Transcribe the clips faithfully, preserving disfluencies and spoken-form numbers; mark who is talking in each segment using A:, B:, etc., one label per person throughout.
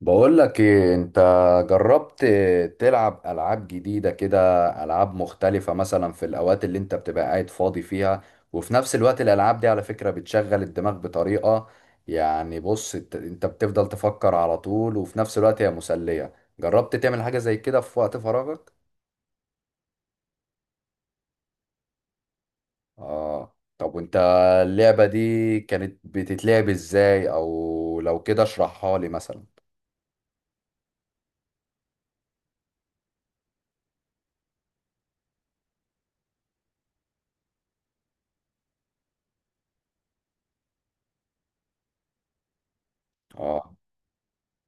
A: بقول لك ايه؟ انت جربت تلعب العاب جديدة كده، العاب مختلفة مثلا في الاوقات اللي انت بتبقى قاعد فاضي فيها، وفي نفس الوقت الالعاب دي على فكرة بتشغل الدماغ بطريقة، يعني بص انت أنت بتفضل تفكر على طول، وفي نفس الوقت هي مسلية. جربت تعمل حاجة زي كده في وقت فراغك؟ اه طب وانت اللعبة دي كانت بتتلعب ازاي؟ او لو كده اشرحها لي مثلا. اه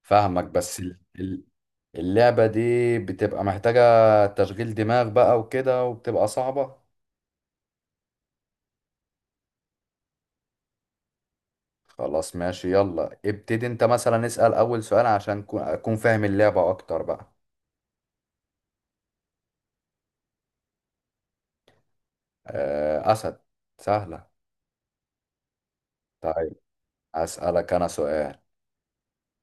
A: فاهمك، بس ال- ال- اللعبة دي بتبقى محتاجة تشغيل دماغ بقى وكده، وبتبقى صعبة. خلاص ماشي، يلا ابتدي انت مثلا، اسأل أول سؤال عشان كو- أكون فاهم اللعبة أكتر بقى. آه، أسد. سهلة. طيب أسألك أنا سؤال،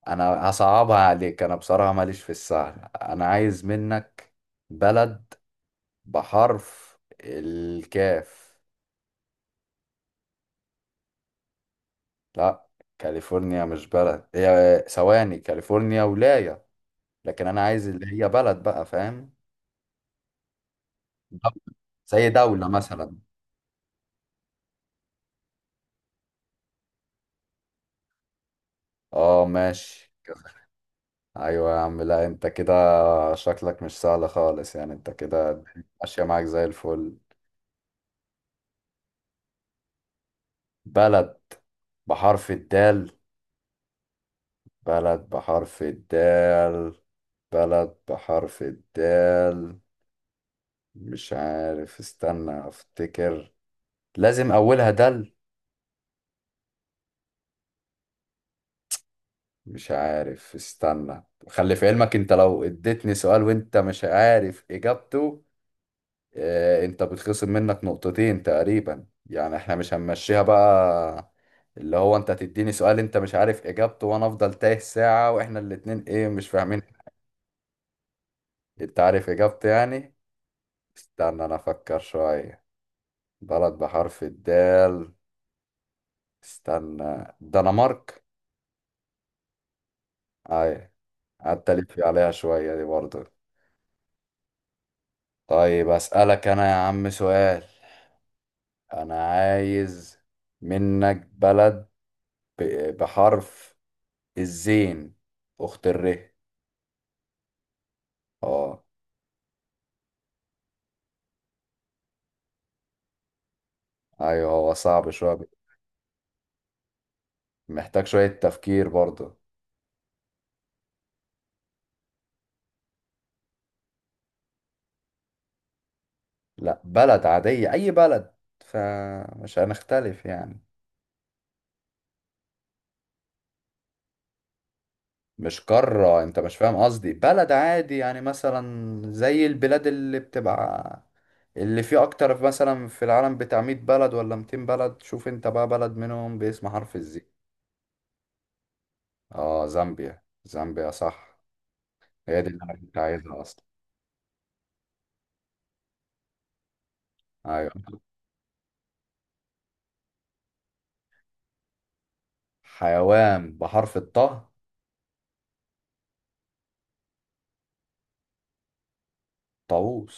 A: أنا هصعبها عليك، أنا بصراحة ماليش في السهل. أنا عايز منك بلد بحرف الكاف. لا، كاليفورنيا مش بلد، هي ثواني، كاليفورنيا ولاية. لكن أنا عايز اللي هي بلد بقى، فاهم؟ زي دولة مثلا. اه ماشي. ايوه يا عم، لا انت كده شكلك مش سهل خالص، يعني انت كده الدنيا ماشية معاك زي الفل. بلد بحرف الدال؟ بلد بحرف الدال. بلد بحرف الدال، مش عارف، استنى افتكر، لازم اولها دال. مش عارف، استنى. خلي في علمك انت، لو اديتني سؤال وانت مش عارف اجابته، آه، انت بتخصم منك نقطتين تقريبا، يعني احنا مش هنمشيها بقى، اللي هو انت تديني سؤال انت مش عارف اجابته وانا افضل تايه ساعة واحنا الاتنين ايه، مش فاهمين. انت عارف اجابته يعني؟ استنى انا افكر شوية. بلد بحرف الدال. استنى، دنمارك. اي، قعدت الف عليها شوية دي برضه. طيب اسألك انا يا عم سؤال. انا عايز منك بلد ب- بحرف الزين، أخت الره. اه. أيوه هو صعب شوية. محتاج شوية تفكير برضه. لا بلد عادية، أي بلد، فمش هنختلف يعني. مش قارة، أنت مش فاهم قصدي، بلد عادي يعني، مثلا زي البلاد اللي بتبقى اللي فيه أكتر مثلا في العالم، بتاع مية بلد ولا ميتين بلد، شوف أنت بقى بلد منهم باسم حرف الزين. اه زامبيا، زامبيا صح، هي دي اللي أنا كنت عايزها أصلا. أيوه. حيوان بحرف الطه، طاووس.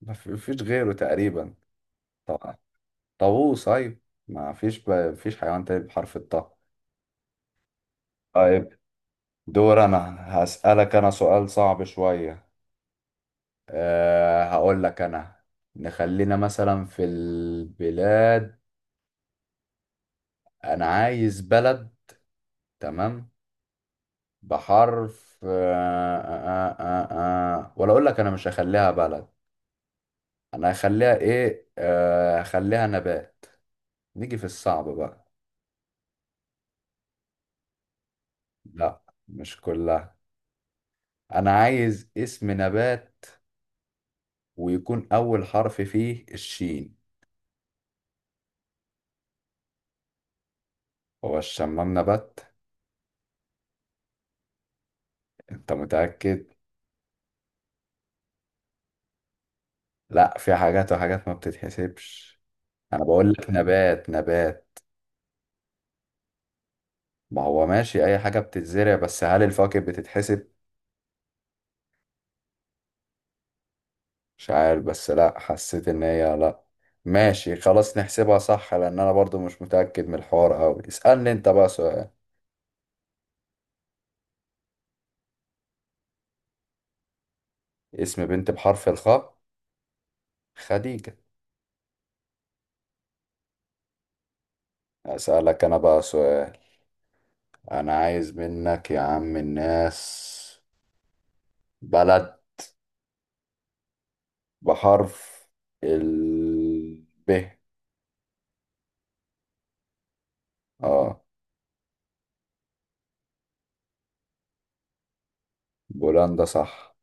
A: ما في- فيش غيره تقريبا. طبعا، طاووس ايوه، ما فيش ب... فيش حيوان تاني بحرف الطاء. طيب دور انا، هسألك انا سؤال صعب شوية، أه هقول لك انا، نخلينا مثلا في البلاد، انا عايز بلد، تمام، بحرف أه أه أه أه. آه. ولا اقول لك انا مش هخليها بلد، انا هخليها ايه، أه هخليها نبات، نيجي في الصعب بقى. لا مش كلها، انا عايز اسم نبات ويكون اول حرف فيه الشين. هو الشمام نبات؟ انت متأكد؟ لا في حاجات وحاجات ما بتتحسبش، انا بقول لك نبات نبات. ما هو ماشي اي حاجة بتتزرع، بس هل الفواكه بتتحسب؟ مش عارف، بس لا حسيت ان هي لا. ماشي خلاص نحسبها صح، لان انا برضو مش متأكد من الحوار قوي. اسألني انت بقى سؤال. اسم بنت بحرف الخاء، خديجة. اسألك انا بقى سؤال، انا عايز منك يا عم الناس بلد بحرف ال ب. اه بولندا، صح.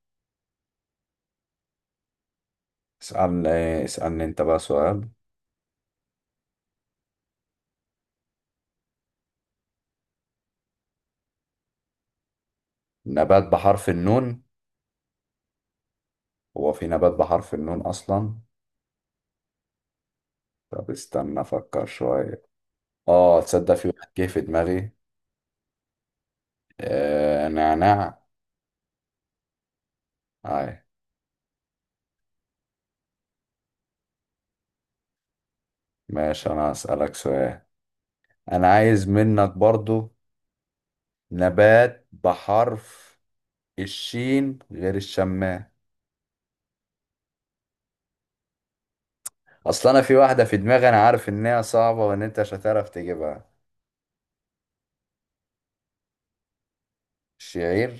A: اسألني اسألني انت بقى سؤال. نبات بحرف النون، هو في نبات بحرف النون اصلا؟ طب استنى افكر شوية. اه تصدق في واحد جه في دماغي، آه نعناع. اي. ماشي انا اسألك سؤال، انا عايز منك برضو نبات بحرف الشين غير الشمام. اصل انا في واحده في دماغي، انا عارف ان هي صعبه وان انت مش هتعرف تجيبها. الشعير؟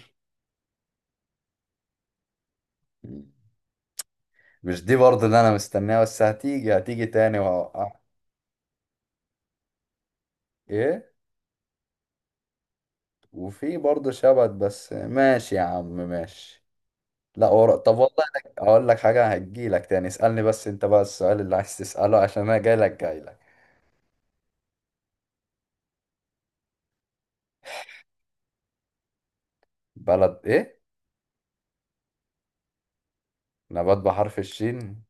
A: مش دي برضه اللي انا مستناها، بس هتيجي هتيجي تاني وهوقع. ايه؟ وفي برضه شبت، بس ماشي يا عم ماشي. لا ورق، طب والله أنا اقول لك حاجه، هتجيلك تاني. اسالني بس انت بقى السؤال اللي عايز تساله، عشان انا جايلك جايلك. بلد ايه؟ نبات بحرف الشين.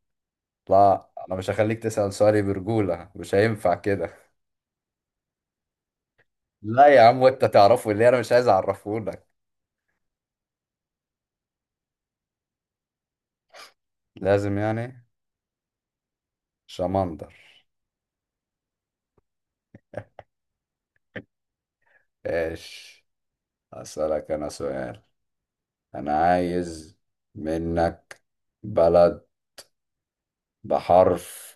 A: لا انا مش هخليك تسال سؤالي برجوله، مش هينفع كده. لا يا عم، وانت تعرفه اللي انا مش عايز اعرفه لك. لازم يعني. شمندر. ايش؟ اسألك انا سؤال، انا عايز منك بلد بحرف،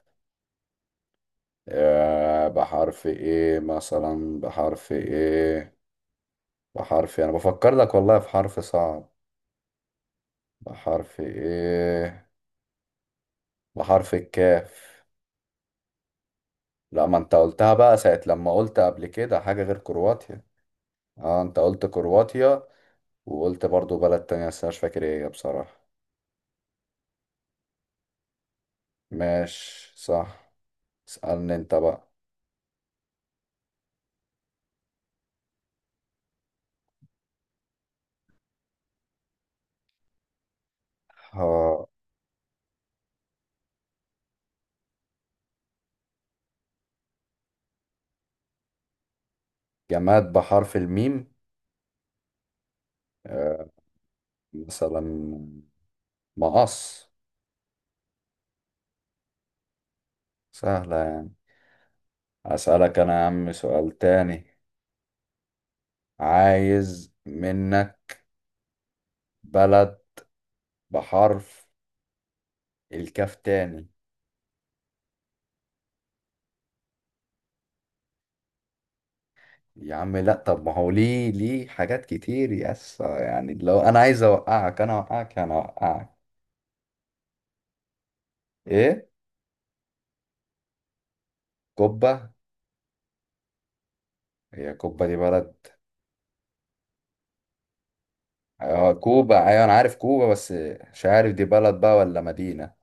A: آه بحرف ايه مثلا، بحرف ايه، بحرف انا بفكر لك والله في حرف صعب، بحرف ايه، بحرف الكاف. لا، ما انت قلتها بقى ساعة لما قلت قبل كده حاجة غير كرواتيا. اه انت قلت كرواتيا، وقلت برضو بلد تانية بس أنا مش فاكر ايه هي بصراحة. ماشي صح. اسألني انت بقى. ها. جماد بحرف الميم، آه، مثلا مقص. سهلة يعني. أسألك أنا يا عم سؤال تاني، عايز منك بلد بحرف الكاف تاني. يا عم لا، طب ما هو ليه؟ ليه حاجات كتير يس، يعني لو أنا عايز أوقعك أنا أوقعك أنا أوقعك. إيه؟ كوبا. هي كوبا دي بلد؟ آه كوبا، أيوة أنا عارف كوبا، بس مش عارف دي بلد بقى ولا مدينة.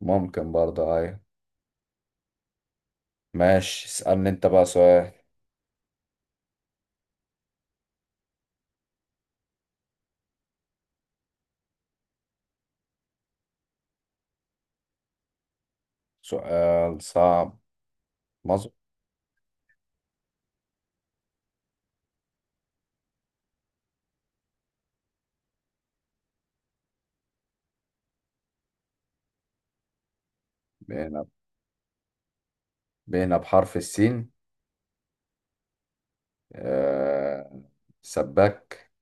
A: ممكن برضه، أيوة. ماشي، اسألني انت بقى سؤال. سؤال صعب، مظبوط. بينا. بينا بحرف السين، آه... سباك.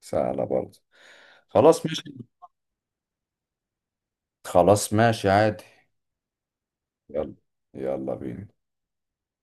A: سهلة برضه. خلاص ماشي. خلاص ماشي عادي. يلا. يلا بينا.